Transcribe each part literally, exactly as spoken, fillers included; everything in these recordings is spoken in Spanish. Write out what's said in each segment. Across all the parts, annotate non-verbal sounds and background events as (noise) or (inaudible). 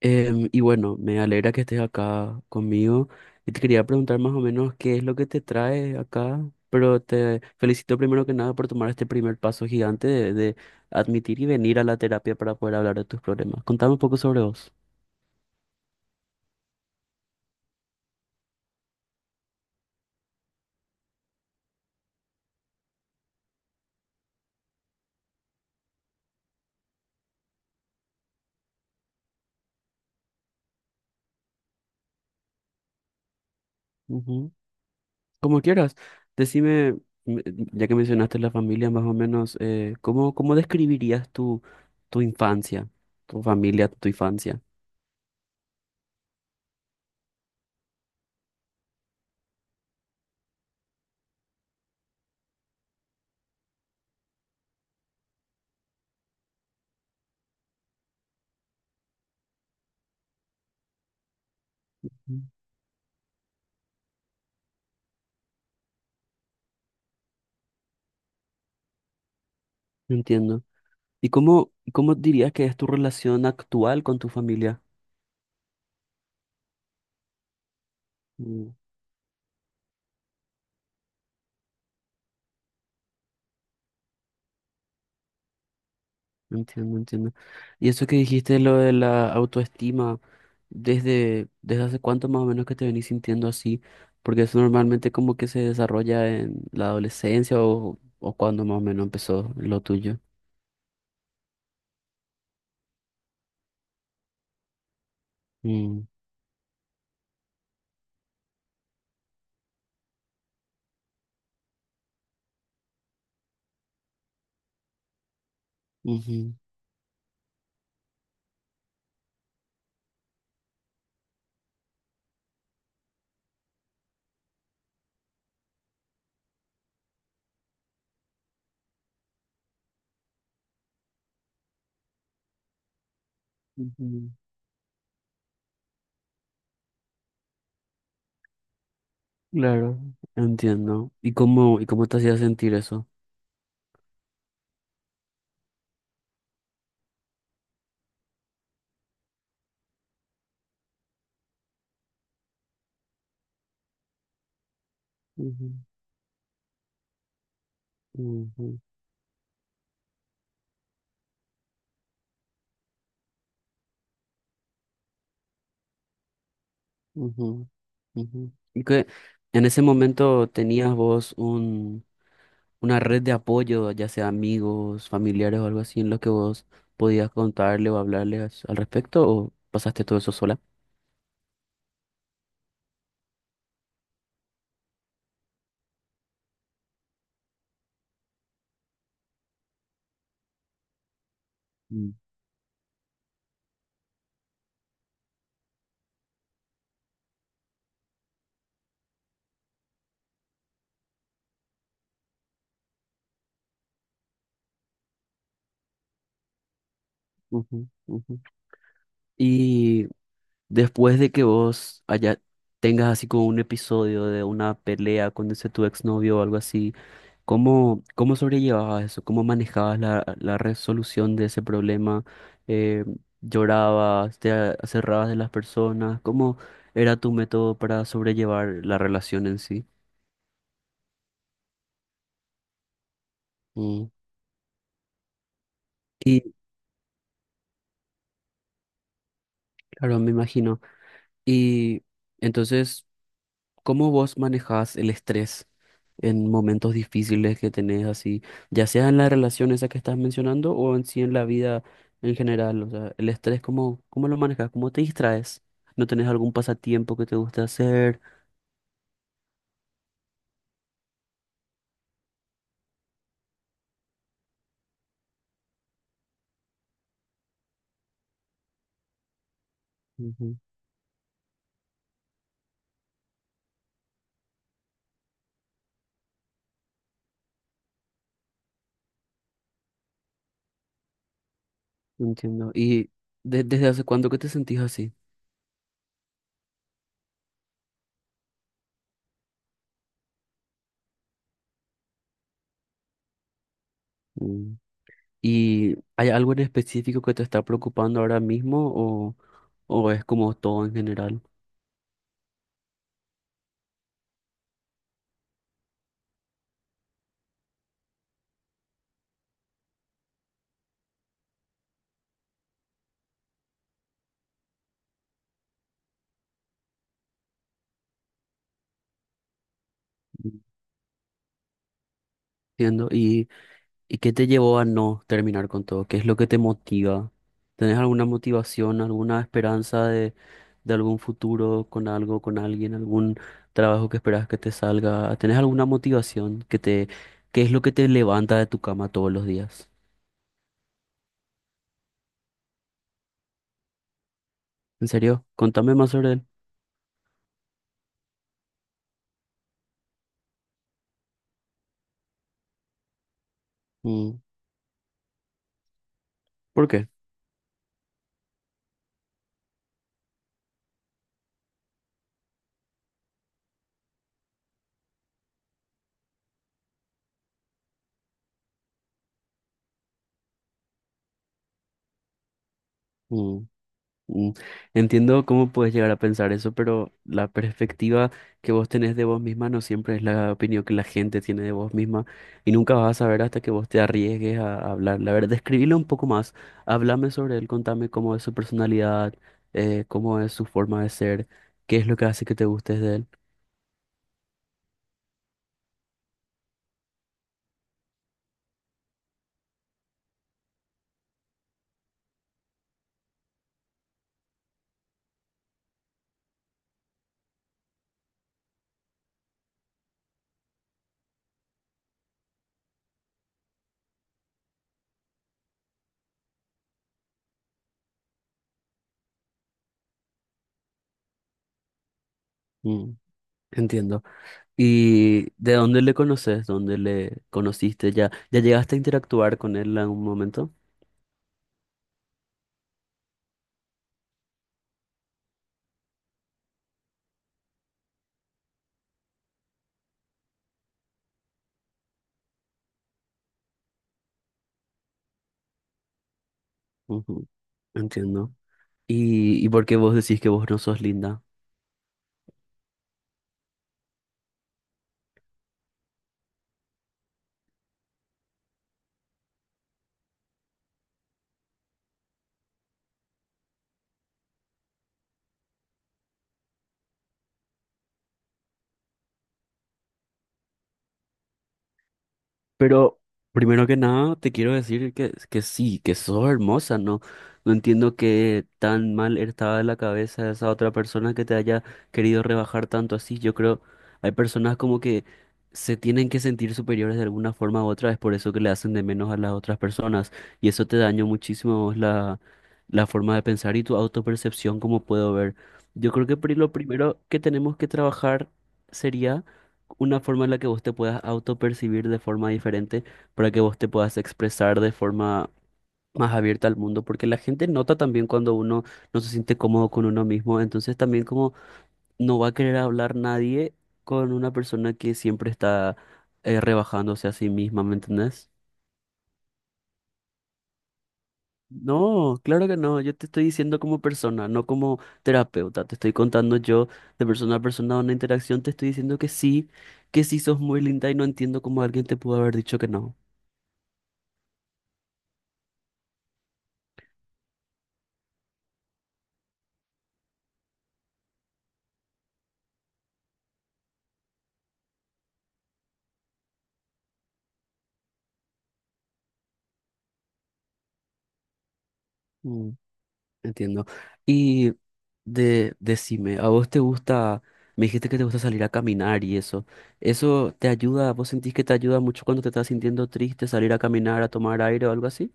Em, y bueno, me alegra que estés acá conmigo. Y te quería preguntar más o menos qué es lo que te trae acá, pero te felicito primero que nada por tomar este primer paso gigante de, de admitir y venir a la terapia para poder hablar de tus problemas. Contame un poco sobre vos. Ujú. Como quieras, decime, m- ya que mencionaste la familia, más o menos, eh, ¿cómo, cómo describirías tu, tu infancia, tu familia, tu infancia? Ujú. Entiendo. ¿Y cómo, cómo dirías que es tu relación actual con tu familia? Mm. Entiendo, entiendo. Y eso que dijiste, lo de la autoestima, ¿desde, desde hace cuánto más o menos que te venís sintiendo así? Porque eso normalmente como que se desarrolla en la adolescencia o, o cuando más o menos empezó lo tuyo. Mm, ujú, ujú. Claro, entiendo. ¿Y cómo, y cómo te hacía sentir eso? Ujú, ujú, ujú, ujú. Y que en ese momento tenías vos una red de apoyo, ya sea amigos, familiares o algo así, en lo que vos podías contarle o hablarle as- al respecto, ¿o pasaste todo eso sola? Mm, ujú, ujú. Y después de que vos haya, tengas así como un episodio de una pelea con ese tu exnovio o algo así, ¿cómo, cómo sobrellevabas eso? ¿Cómo manejabas la, la resolución de ese problema? Eh, ¿llorabas? ¿Te a- cerrabas de las personas? ¿Cómo era tu método para sobrellevar la relación en sí? Mm. Y claro, me imagino. Y entonces, ¿cómo vos manejás el estrés en momentos difíciles que tenés así, ya sea en la relación esa que estás mencionando o en sí en la vida en general? O sea, el estrés, ¿cómo, cómo lo manejas? ¿Cómo te distraes? ¿No tenés algún pasatiempo que te guste hacer? Ujú. Entiendo. ¿Y de- desde hace cuándo que te sentís así? Mm. ¿Y hay algo en específico que te está preocupando ahora mismo o, o es como todo en general? Entiendo. ¿Y, y qué te llevó a no terminar con todo? ¿Qué es lo que te motiva? ¿Tenés alguna motivación, alguna esperanza de, de algún futuro con algo, con alguien, algún trabajo que esperas que te salga? ¿Tenés alguna motivación que te, qué es lo que te levanta de tu cama todos los días? ¿En serio? Contame más sobre él. Mm. ¿Por qué? Mm. Entiendo cómo puedes llegar a pensar eso, pero la perspectiva que vos tenés de vos misma no siempre es la opinión que la gente tiene de vos misma y nunca vas a saber hasta que vos te arriesgues a, a hablarle. A ver, describilo un poco más, háblame sobre él, contame cómo es su personalidad, eh, cómo es su forma de ser, qué es lo que hace que te gustes de él. Mm. Entiendo. ¿Y de dónde le conoces? ¿Dónde le conociste? ¿Ya, ya llegaste a interactuar con él en algún momento? Ujú. Entiendo. ¿Y, y por qué vos decís que vos no sos linda? Pero primero que nada te quiero decir que, que sí, que sos hermosa, ¿no? No entiendo que tan mal estaba la cabeza de esa otra persona que te haya querido rebajar tanto así. Yo creo, hay personas como que se tienen que sentir superiores de alguna forma u otra, es por eso que le hacen de menos a las otras personas. Y eso te dañó muchísimo a vos la forma de pensar y tu autopercepción, como puedo ver. Yo creo que pri- lo primero que tenemos que trabajar sería una forma en la que vos te puedas autopercibir de forma diferente para que vos te puedas expresar de forma más abierta al mundo, porque la gente nota también cuando uno no se siente cómodo con uno mismo, entonces también como no va a querer hablar nadie con una persona que siempre está eh, rebajándose a sí misma, ¿me entendés? No, claro que no. Yo te estoy diciendo como persona, no como terapeuta. Te estoy contando yo de persona a persona una interacción. Te estoy diciendo que sí, que sí sos muy linda y no entiendo cómo alguien te pudo haber dicho que no. Mm, entiendo. Y de, decime, ¿a vos te gusta? Me dijiste que te gusta salir a caminar y eso. ¿Eso te ayuda? ¿Vos sentís que te ayuda mucho cuando te estás sintiendo triste, salir a caminar, a tomar aire o algo así?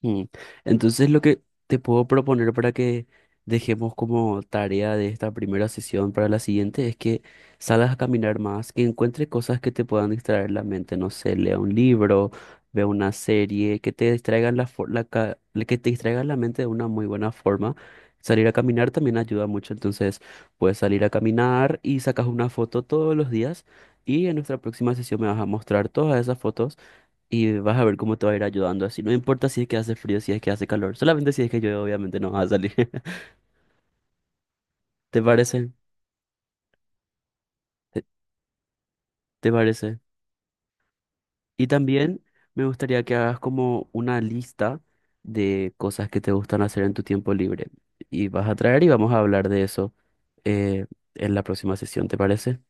Mm. Entonces, lo que te puedo proponer para que dejemos como tarea de esta primera sesión para la siguiente es que salgas a caminar más, que encuentres cosas que te puedan distraer la mente. No sé, lea un libro, vea una serie, que te distraigan la, for- la ca- la que te distraigan la mente de una muy buena forma. Salir a caminar también ayuda mucho, entonces puedes salir a caminar y sacas una foto todos los días y en nuestra próxima sesión me vas a mostrar todas esas fotos y vas a ver cómo te va a ir ayudando así. No importa si es que hace frío, si es que hace calor. Solamente si es que llueve, obviamente no vas a salir. (laughs) ¿Te parece? ¿Te te parece? Y también me gustaría que hagas como una lista de cosas que te gustan hacer en tu tiempo libre. Y vas a traer y vamos a hablar de eso eh, en la próxima sesión, ¿te parece?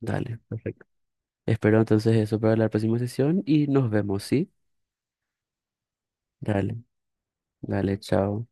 Dale, perfecto. Espero entonces eso para la próxima sesión y nos vemos, ¿sí? Dale, dale, chao.